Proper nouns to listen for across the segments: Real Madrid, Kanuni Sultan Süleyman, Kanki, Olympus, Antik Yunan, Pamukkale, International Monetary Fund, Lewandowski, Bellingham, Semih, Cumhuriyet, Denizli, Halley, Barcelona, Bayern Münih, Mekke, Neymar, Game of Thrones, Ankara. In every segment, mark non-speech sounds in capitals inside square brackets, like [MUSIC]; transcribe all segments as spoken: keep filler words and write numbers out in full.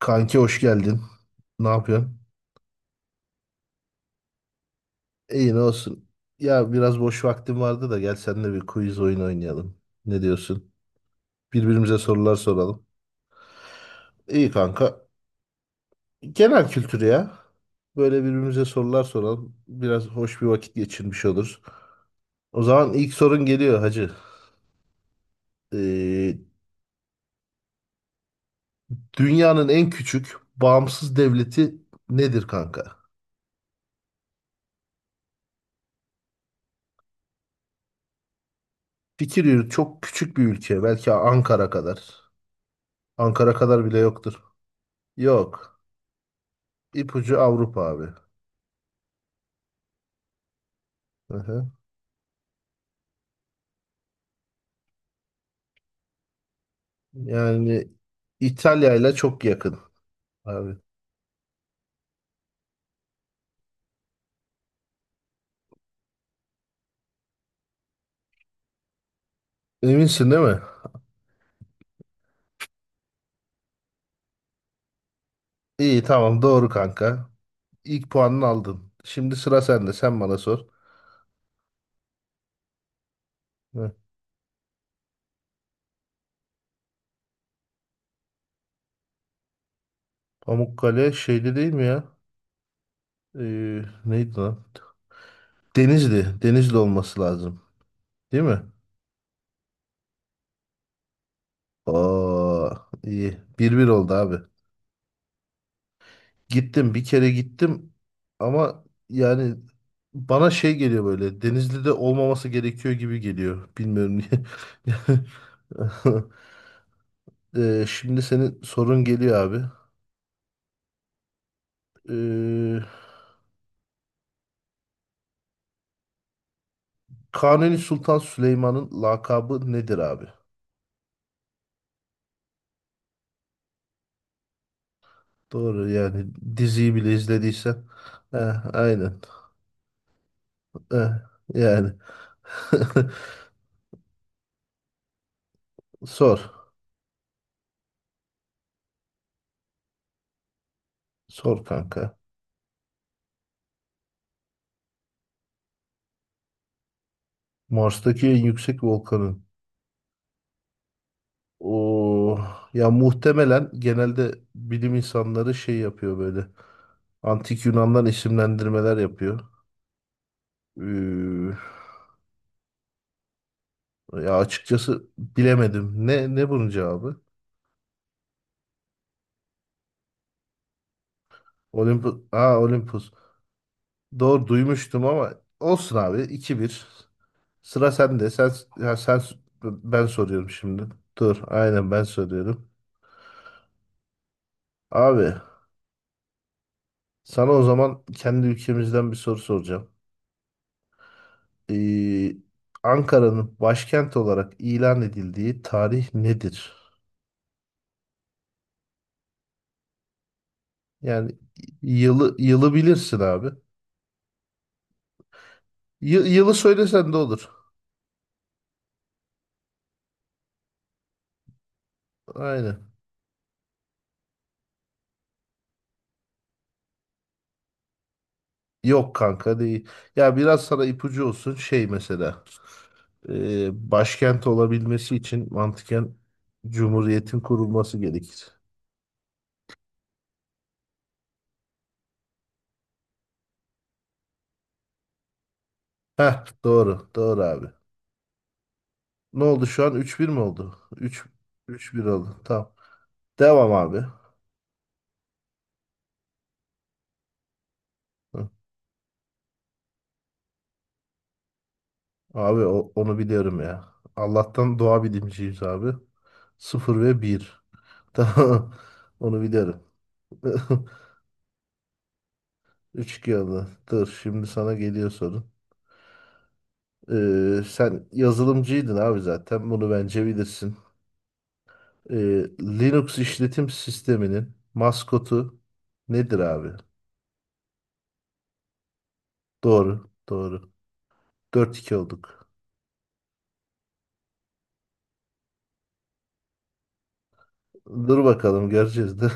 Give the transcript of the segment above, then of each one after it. Kanki hoş geldin. Ne yapıyorsun? İyi ne olsun. Ya biraz boş vaktim vardı da gel seninle bir quiz oyun oynayalım. Ne diyorsun? Birbirimize sorular soralım. İyi kanka. Genel kültür ya. Böyle birbirimize sorular soralım. Biraz hoş bir vakit geçirmiş oluruz. O zaman ilk sorun geliyor hacı. Ee, dünyanın en küçük bağımsız devleti nedir kanka? Fikir yürüt çok küçük bir ülke. Belki Ankara kadar. Ankara kadar bile yoktur. Yok. İpucu Avrupa abi. Aha. Yani İtalya ile çok yakın abi. Eminsin değil mi? İyi tamam doğru kanka. İlk puanını aldın. Şimdi sıra sende. Sen bana sor. Heh. Pamukkale şeyde değil mi ya? Ee, neydi lan? Denizli. Denizli olması lazım. Değil mi? Oo, iyi. Bir bir oldu abi. Gittim bir kere gittim ama yani bana şey geliyor böyle Denizli'de olmaması gerekiyor gibi geliyor. Bilmiyorum niye. [LAUGHS] Ee, şimdi senin sorun geliyor abi. Ee, Kanuni Sultan Süleyman'ın lakabı nedir abi? Doğru yani diziyi bile izlediysen. Eh, aynen. Eh, yani. [LAUGHS] Sor. Sor kanka. Mars'taki en yüksek volkanın. O ya muhtemelen genelde bilim insanları şey yapıyor böyle. Antik Yunan'dan isimlendirmeler yapıyor. Ee, ya açıkçası bilemedim. Ne ne bunun cevabı? Olympus. Aa Olympus. Doğru duymuştum ama olsun abi iki bir. Sıra sende. Sen ya sen ben soruyorum şimdi. Dur. Aynen ben soruyorum. Abi sana o zaman kendi ülkemizden bir soru soracağım. e, Ankara'nın başkent olarak ilan edildiği tarih nedir? Yani yılı yılı bilirsin abi. Yı- yılı söylesen de olur. Aynen. Yok kanka değil. Ya biraz sana ipucu olsun şey mesela. e, başkent olabilmesi için mantıken Cumhuriyet'in kurulması gerekir. Heh doğru. Doğru abi. Ne oldu şu an? Üç bir mi oldu? Üç üç bir oldu. Tamam. Devam abi. Abi o- onu biliyorum ya. Allah'tan doğa bilimciyiz abi. Sıfır ve bir. [LAUGHS] Tamam. Onu biliyorum. [LAUGHS] üç iki oldu. Dur şimdi sana geliyor sorun. Ee, sen yazılımcıydın abi zaten. Bunu bence bilirsin. Ee, Linux işletim sisteminin maskotu nedir abi? Doğru. Doğru. Dört iki olduk. Dur bakalım göreceğiz de.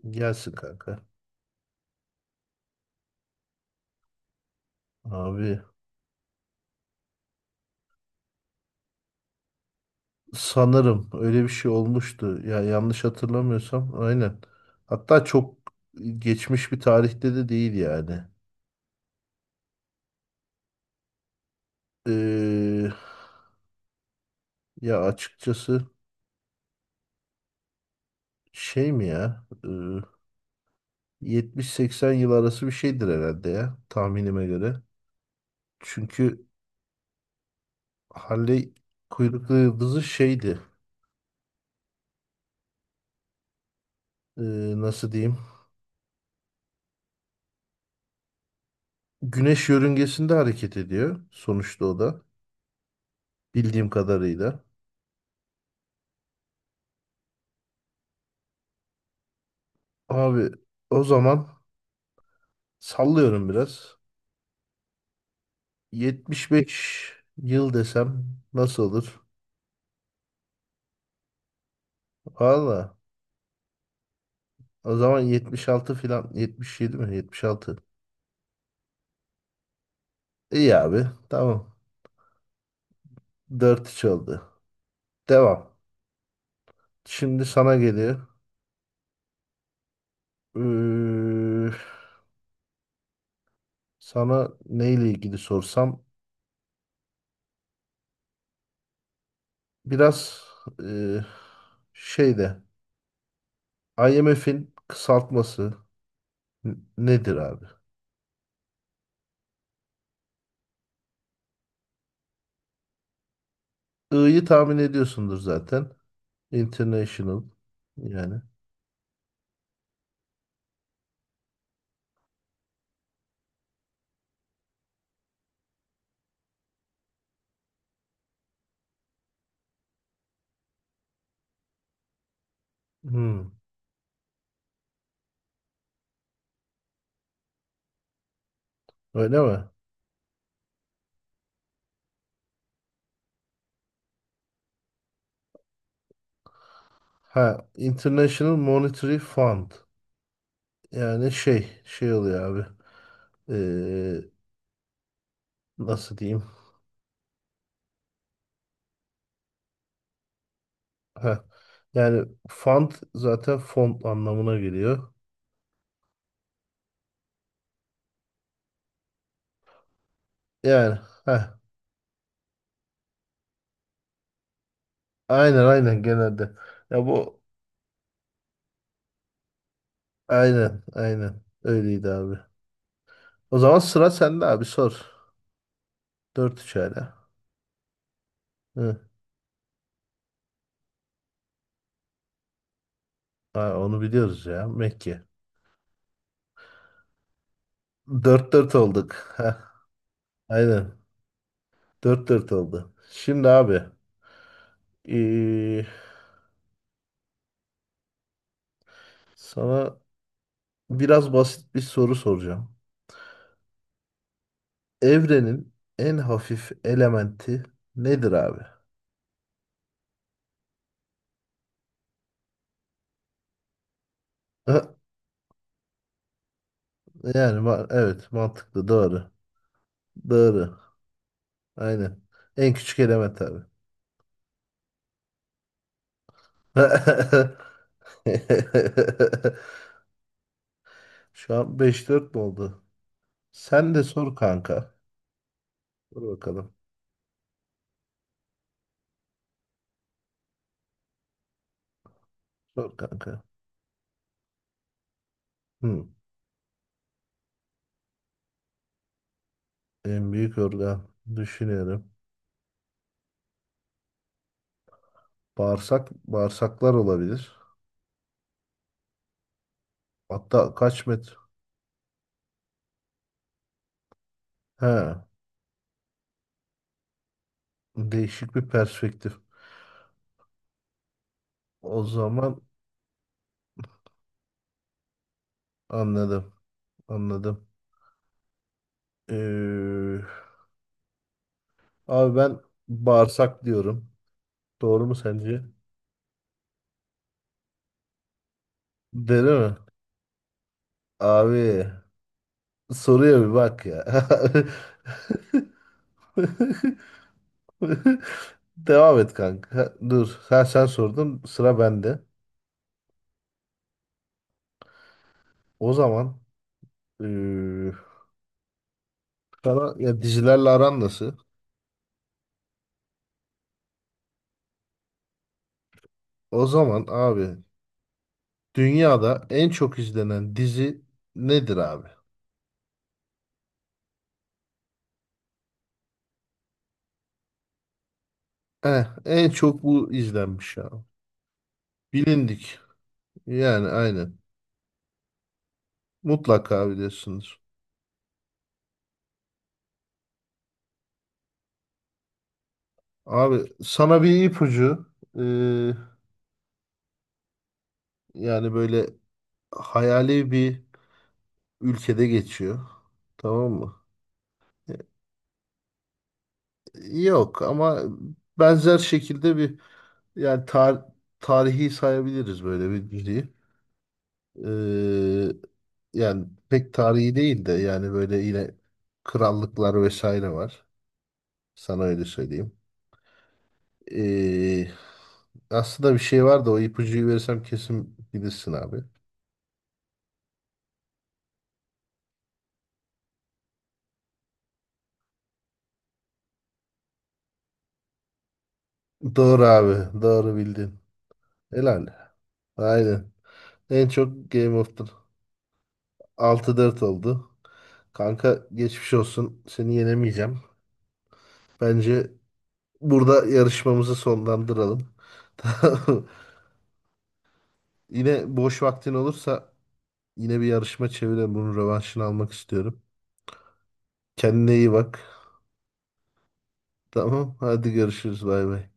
[LAUGHS] Gelsin kanka. Abi. Sanırım öyle bir şey olmuştu. Ya yanlış hatırlamıyorsam aynen. Hatta çok geçmiş bir tarihte de değil yani. Ee, ya açıkçası şey mi ya? Ee, yetmiş seksen yıl arası bir şeydir herhalde ya tahminime göre. Çünkü Halley kuyruklu yıldızı şeydi. Ee, nasıl diyeyim? Güneş yörüngesinde hareket ediyor sonuçta o da bildiğim kadarıyla. Abi o zaman sallıyorum biraz. yetmiş beş yıl desem nasıl olur? Valla o zaman yetmiş altı falan yetmiş yedi mi? yetmiş altı. İyi abi tamam. dört üç oldu. Devam. Şimdi sana geliyor. Ee, sana neyle ilgili sorsam biraz e, şeyde I M F'in kısaltması n- nedir abi? I'yı tahmin ediyorsundur zaten. International yani. Hmm, öyle mi? Ha, International Monetary Fund. Yani şey, şey oluyor abi. Ee, nasıl diyeyim? Ha, yani fund zaten fond anlamına geliyor. Yani ha, aynen aynen genelde. Ya bu aynen aynen öyleydi abi. O zaman sıra sende abi sor. dört üç hala. Hı. Ha, onu biliyoruz ya Mekke. Dört dört olduk. Ha, aynen dört dört oldu. Şimdi abi ee, sana biraz basit bir soru soracağım. Evrenin en hafif elementi nedir abi? Ha, yani ma- evet mantıklı doğru. Doğru. Aynen. En küçük element abi. [LAUGHS] Şu an beş dört mü oldu? Sen de sor kanka. Sor bakalım. Sor kanka. Hmm. En büyük organ düşünüyorum. Bağırsak, bağırsaklar olabilir. Hatta kaç metre? He, değişik bir perspektif. O zaman anladım, anladım. Ee, abi ben bağırsak diyorum. Doğru mu sence? Deli mi? Abi soruya bir bak ya. [LAUGHS] Devam et kanka. Dur, sen sen sordun, sıra bende. O zaman ee, sana ya dizilerle aran nasıl? O zaman abi dünyada en çok izlenen dizi nedir abi? Eh, en çok bu izlenmiş ya. Bilindik. Yani aynen. Mutlaka biliyorsunuz. Abi sana bir ipucu. Ee, yani böyle hayali bir ülkede geçiyor. Tamam mı? E, yok ama benzer şekilde bir yani tar tarihi sayabiliriz böyle bir diziyi. Ee, yani pek tarihi değil de yani böyle yine krallıklar vesaire var. Sana öyle söyleyeyim. Ee, aslında bir şey var da o ipucuyu verirsem kesin bilirsin abi. Doğru abi. Doğru bildin. Helal. Aynen. En çok Game of the altı dört oldu. Kanka geçmiş olsun. Seni yenemeyeceğim. Bence burada yarışmamızı sonlandıralım. [LAUGHS] Tamam. Yine boş vaktin olursa yine bir yarışma çevirelim. Bunun rövanşını almak istiyorum. Kendine iyi bak. Tamam. Hadi görüşürüz. Bay bay.